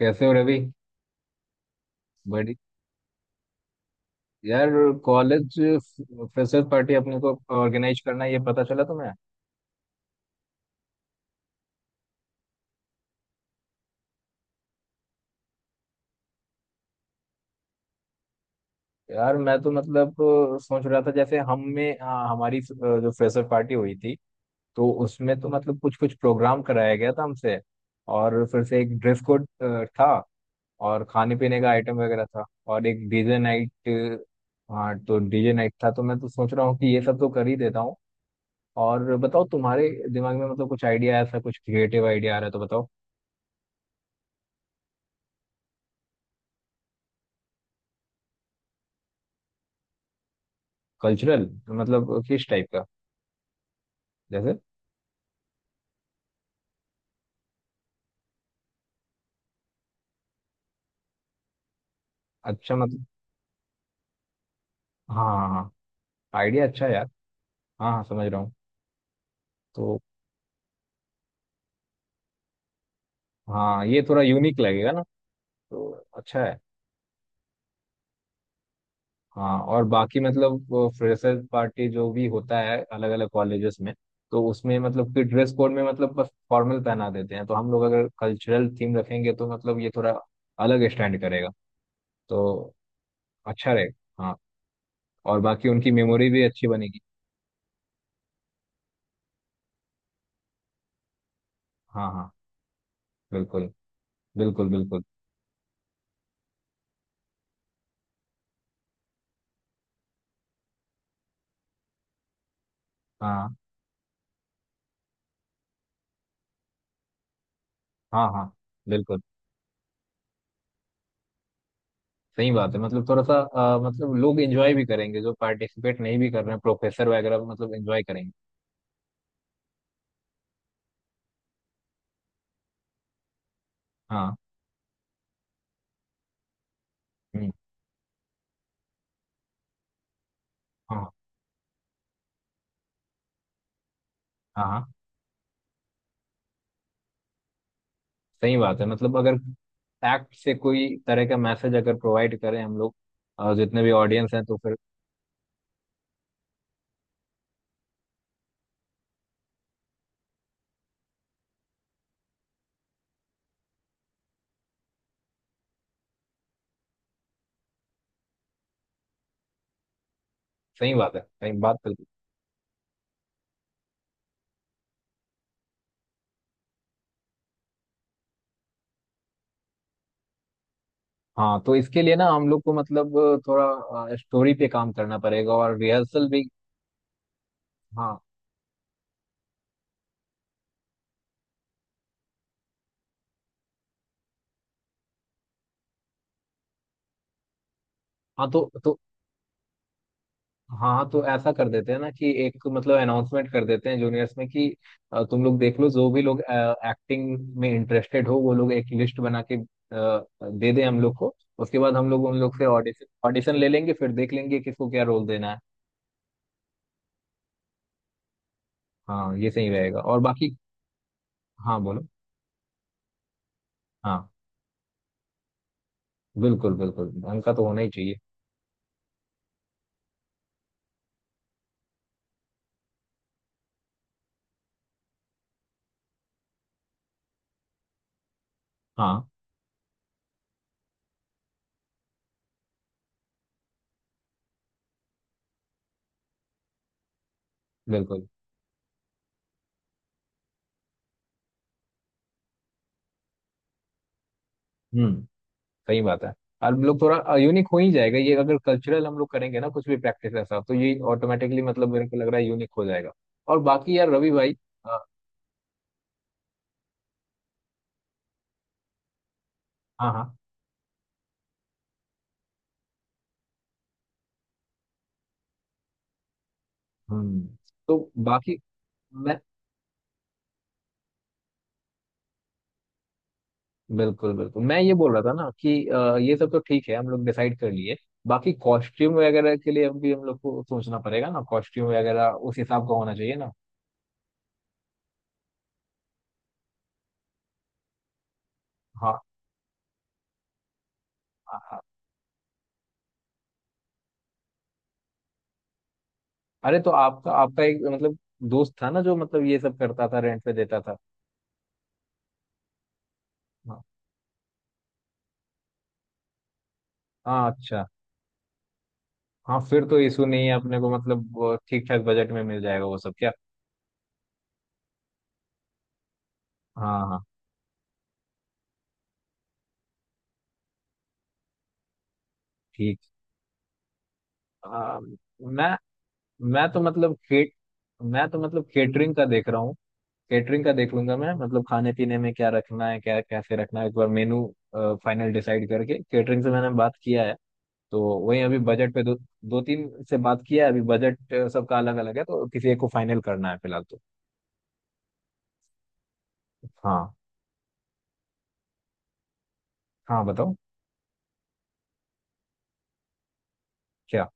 कैसे हो रवि। बड़ी यार कॉलेज फ्रेशर पार्टी अपने को ऑर्गेनाइज करना है, ये पता चला तुम्हें? यार मैं तो मतलब सोच रहा था जैसे हम में हाँ, हमारी जो फ्रेशर पार्टी हुई थी, तो उसमें तो मतलब कुछ कुछ प्रोग्राम कराया गया था हमसे। और फिर से एक ड्रेस कोड था। और खाने पीने का आइटम वगैरह था। और एक डीजे नाइट। हाँ, तो डीजे नाइट था तो मैं तो सोच रहा हूँ कि ये सब तो कर ही देता हूँ। और बताओ तुम्हारे दिमाग में मतलब कुछ आइडिया ऐसा कुछ क्रिएटिव आइडिया आ रहा है तो बताओ। कल्चरल मतलब किस टाइप का? जैसे। अच्छा मतलब, हाँ हाँ हाँ, आइडिया अच्छा है यार। हाँ हाँ, समझ रहा हूँ। तो हाँ, ये थोड़ा यूनिक लगेगा ना। तो अच्छा है। हाँ, और बाकी मतलब फ्रेशर पार्टी जो भी होता है अलग अलग कॉलेजेस में, तो उसमें मतलब कि ड्रेस कोड में मतलब बस फॉर्मल पहना देते हैं, तो हम लोग अगर कल्चरल थीम रखेंगे तो मतलब ये थोड़ा अलग स्टैंड करेगा, तो अच्छा रहेगा हाँ। और बाकी उनकी मेमोरी भी अच्छी बनेगी। हाँ हाँ, बिल्कुल बिल्कुल बिल्कुल। हाँ हाँ हाँ, बिल्कुल। सही बात है मतलब थोड़ा सा मतलब लोग एंजॉय भी करेंगे जो पार्टिसिपेट नहीं भी कर रहे हैं, प्रोफेसर वगैरह मतलब एंजॉय करेंगे। हाँ। हम्म, हाँ हाँ हाँ, सही बात है मतलब अगर एक्ट से कोई तरह का मैसेज अगर प्रोवाइड करें हम लोग जितने भी ऑडियंस हैं, तो फिर सही बात है, सही बात बिल्कुल। हाँ, तो इसके लिए ना हम लोग को मतलब थोड़ा स्टोरी पे काम करना पड़ेगा और रिहर्सल भी। हाँ, हाँ तो हाँ, तो ऐसा कर देते हैं ना कि एक मतलब अनाउंसमेंट कर देते हैं जूनियर्स में कि तुम लोग देख लो जो भी लोग एक्टिंग में इंटरेस्टेड हो, वो लोग एक लिस्ट बना के दे दें हम लोग को, उसके बाद हम लोग उन लोग से ऑडिशन ऑडिशन ले लेंगे, फिर देख लेंगे किसको क्या रोल देना है। हाँ, ये सही रहेगा और बाकी हाँ बोलो। हाँ बिल्कुल बिल्कुल, ढंग का तो होना ही चाहिए। हाँ बिल्कुल। हम्म, सही बात है। और लोग थोड़ा यूनिक हो ही जाएगा, ये अगर कल्चरल हम लोग करेंगे ना कुछ भी प्रैक्टिस ऐसा, तो ये ऑटोमेटिकली मतलब मेरे को लग रहा है यूनिक हो जाएगा। और बाकी यार रवि भाई, अ, हाँ हाँ। हम्म, तो बाकी मैं बिल्कुल बिल्कुल, मैं ये बोल रहा था ना कि ये सब तो ठीक है हम लोग डिसाइड कर लिए। बाकी कॉस्ट्यूम वगैरह के लिए भी हम लोग को सोचना पड़ेगा ना, कॉस्ट्यूम वगैरह उस हिसाब का होना चाहिए ना। हाँ हाँ, हाँ। अरे, तो आपका आपका एक मतलब दोस्त था ना जो मतलब ये सब करता था, रेंट पे देता था। हाँ हाँ, अच्छा। हाँ, फिर तो इशू नहीं है अपने को, मतलब ठीक ठाक बजट में मिल जाएगा वो सब क्या। हाँ हाँ, ठीक। आ, मैं मैं तो मतलब केट मैं तो मतलब केटरिंग का देख रहा हूँ। केटरिंग का देख लूंगा मैं, मतलब खाने पीने में क्या रखना है, क्या कैसे रखना है, एक बार मेनू फाइनल डिसाइड करके केटरिंग से मैंने बात किया है। तो वही अभी बजट पे दो दो तीन से बात किया है, अभी बजट सबका अलग अलग है तो किसी एक को फाइनल करना है फिलहाल तो। हाँ हाँ, बताओ क्या।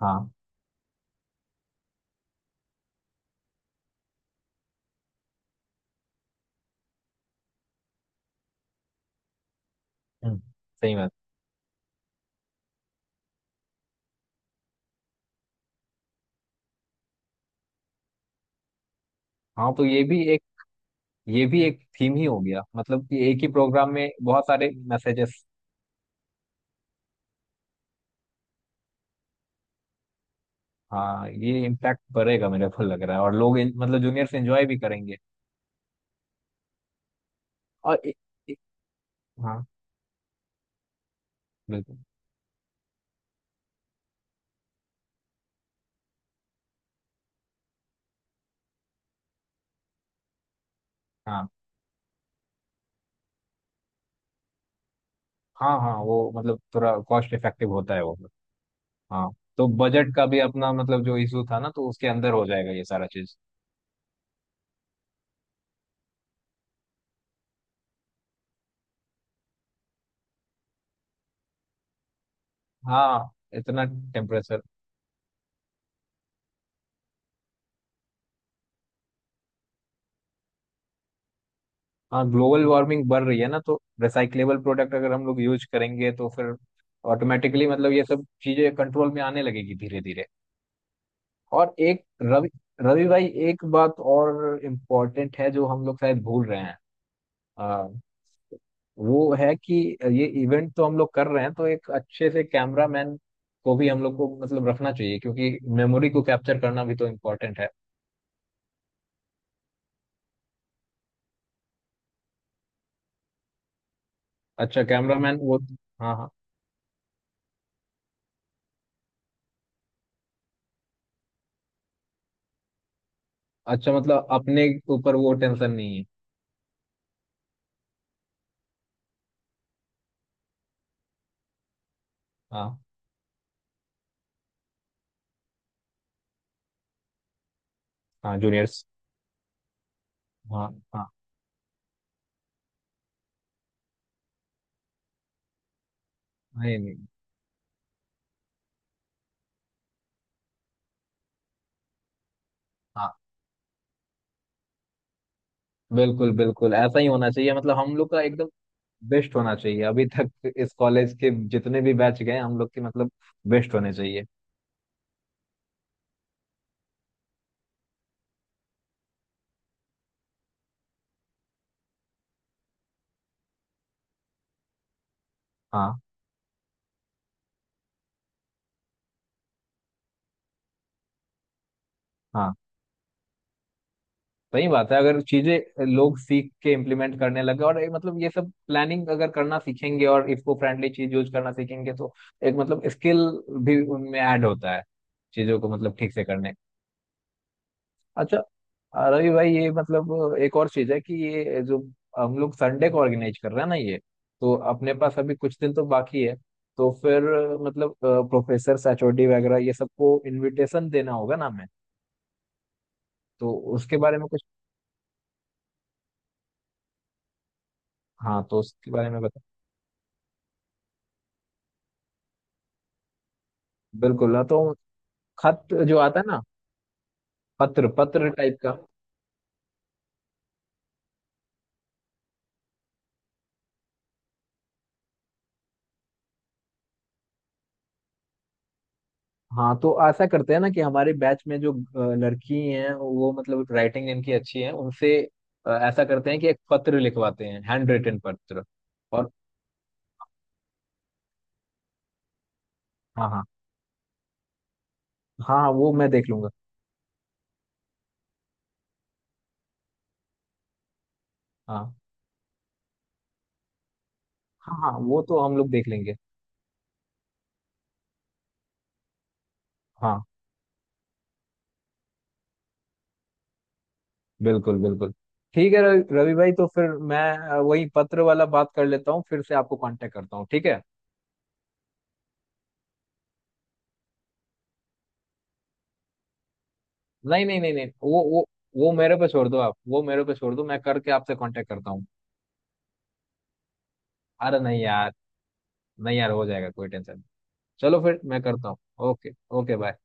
हाँ। हम्म, सही बात। हाँ, तो ये भी, ये भी एक थीम ही हो गया मतलब कि एक ही प्रोग्राम में बहुत सारे मैसेजेस। हाँ, ये इम्पैक्ट पड़ेगा मेरे को लग रहा है, और लोग मतलब जूनियर्स एंजॉय भी करेंगे। और ए, ए, हाँ बिल्कुल। हाँ हाँ हाँ, वो मतलब थोड़ा कॉस्ट इफेक्टिव होता है वो। हाँ, तो बजट का भी अपना मतलब जो इशू था ना, तो उसके अंदर हो जाएगा ये सारा चीज। हाँ, इतना टेम्परेचर। हाँ, ग्लोबल वार्मिंग बढ़ रही है ना, तो रिसाइक्लेबल प्रोडक्ट अगर हम लोग यूज करेंगे, तो फिर ऑटोमेटिकली मतलब ये सब चीजें कंट्रोल में आने लगेगी धीरे धीरे। और एक रवि, रवि भाई एक बात और इम्पोर्टेंट है जो हम लोग शायद भूल रहे हैं। आ, वो है कि ये इवेंट तो हम लोग कर रहे हैं, तो एक अच्छे से कैमरामैन को भी हम लोग को मतलब रखना चाहिए, क्योंकि मेमोरी को कैप्चर करना भी तो इम्पोर्टेंट है। अच्छा कैमरामैन वो। हाँ हाँ। अच्छा, मतलब अपने ऊपर वो टेंशन नहीं है। हाँ हाँ, जूनियर्स। हाँ हाँ। नहीं नहीं, हाँ बिल्कुल बिल्कुल, ऐसा ही होना चाहिए, मतलब हम लोग का एकदम बेस्ट होना चाहिए, अभी तक इस कॉलेज के जितने भी बैच गए हम लोग के मतलब बेस्ट होने चाहिए। हाँ हाँ, सही बात है, अगर चीजें लोग सीख के इम्प्लीमेंट करने लगे और ये मतलब ये सब प्लानिंग अगर करना सीखेंगे और इसको फ्रेंडली चीज यूज करना सीखेंगे, तो एक मतलब स्किल भी उनमें ऐड होता है, चीजों को मतलब ठीक से करने। अच्छा। रवि भाई, ये मतलब एक और चीज है कि ये जो हम लोग संडे को ऑर्गेनाइज कर रहे हैं ना ये, तो अपने पास अभी कुछ दिन तो बाकी है। तो फिर मतलब प्रोफेसर एचओडी वगैरह ये सबको इनविटेशन देना होगा ना हमें, तो उसके बारे में कुछ। हाँ, तो उसके बारे में बता बिल्कुल, ना तो खत जो आता है ना, पत्र पत्र टाइप का। हाँ, तो ऐसा करते हैं ना कि हमारे बैच में जो लड़की हैं, वो मतलब राइटिंग इनकी अच्छी है उनसे, ऐसा करते हैं कि एक पत्र लिखवाते हैं, हैंड रिटन पत्र। और हाँ हाँ, हाँ हाँ, वो मैं देख लूंगा। हाँ हाँ हाँ, वो तो हम लोग देख लेंगे। हाँ, बिल्कुल बिल्कुल। ठीक है रवि, रवि भाई तो फिर मैं वही पत्र वाला बात कर लेता हूँ, फिर से आपको कांटेक्ट करता हूँ ठीक है। नहीं नहीं नहीं नहीं, वो वो मेरे पे छोड़ दो आप, वो मेरे पे छोड़ दो, मैं करके आपसे कांटेक्ट करता हूँ। अरे नहीं यार, नहीं यार हो जाएगा, कोई टेंशन नहीं। चलो फिर मैं करता हूँ। Okay okay bye.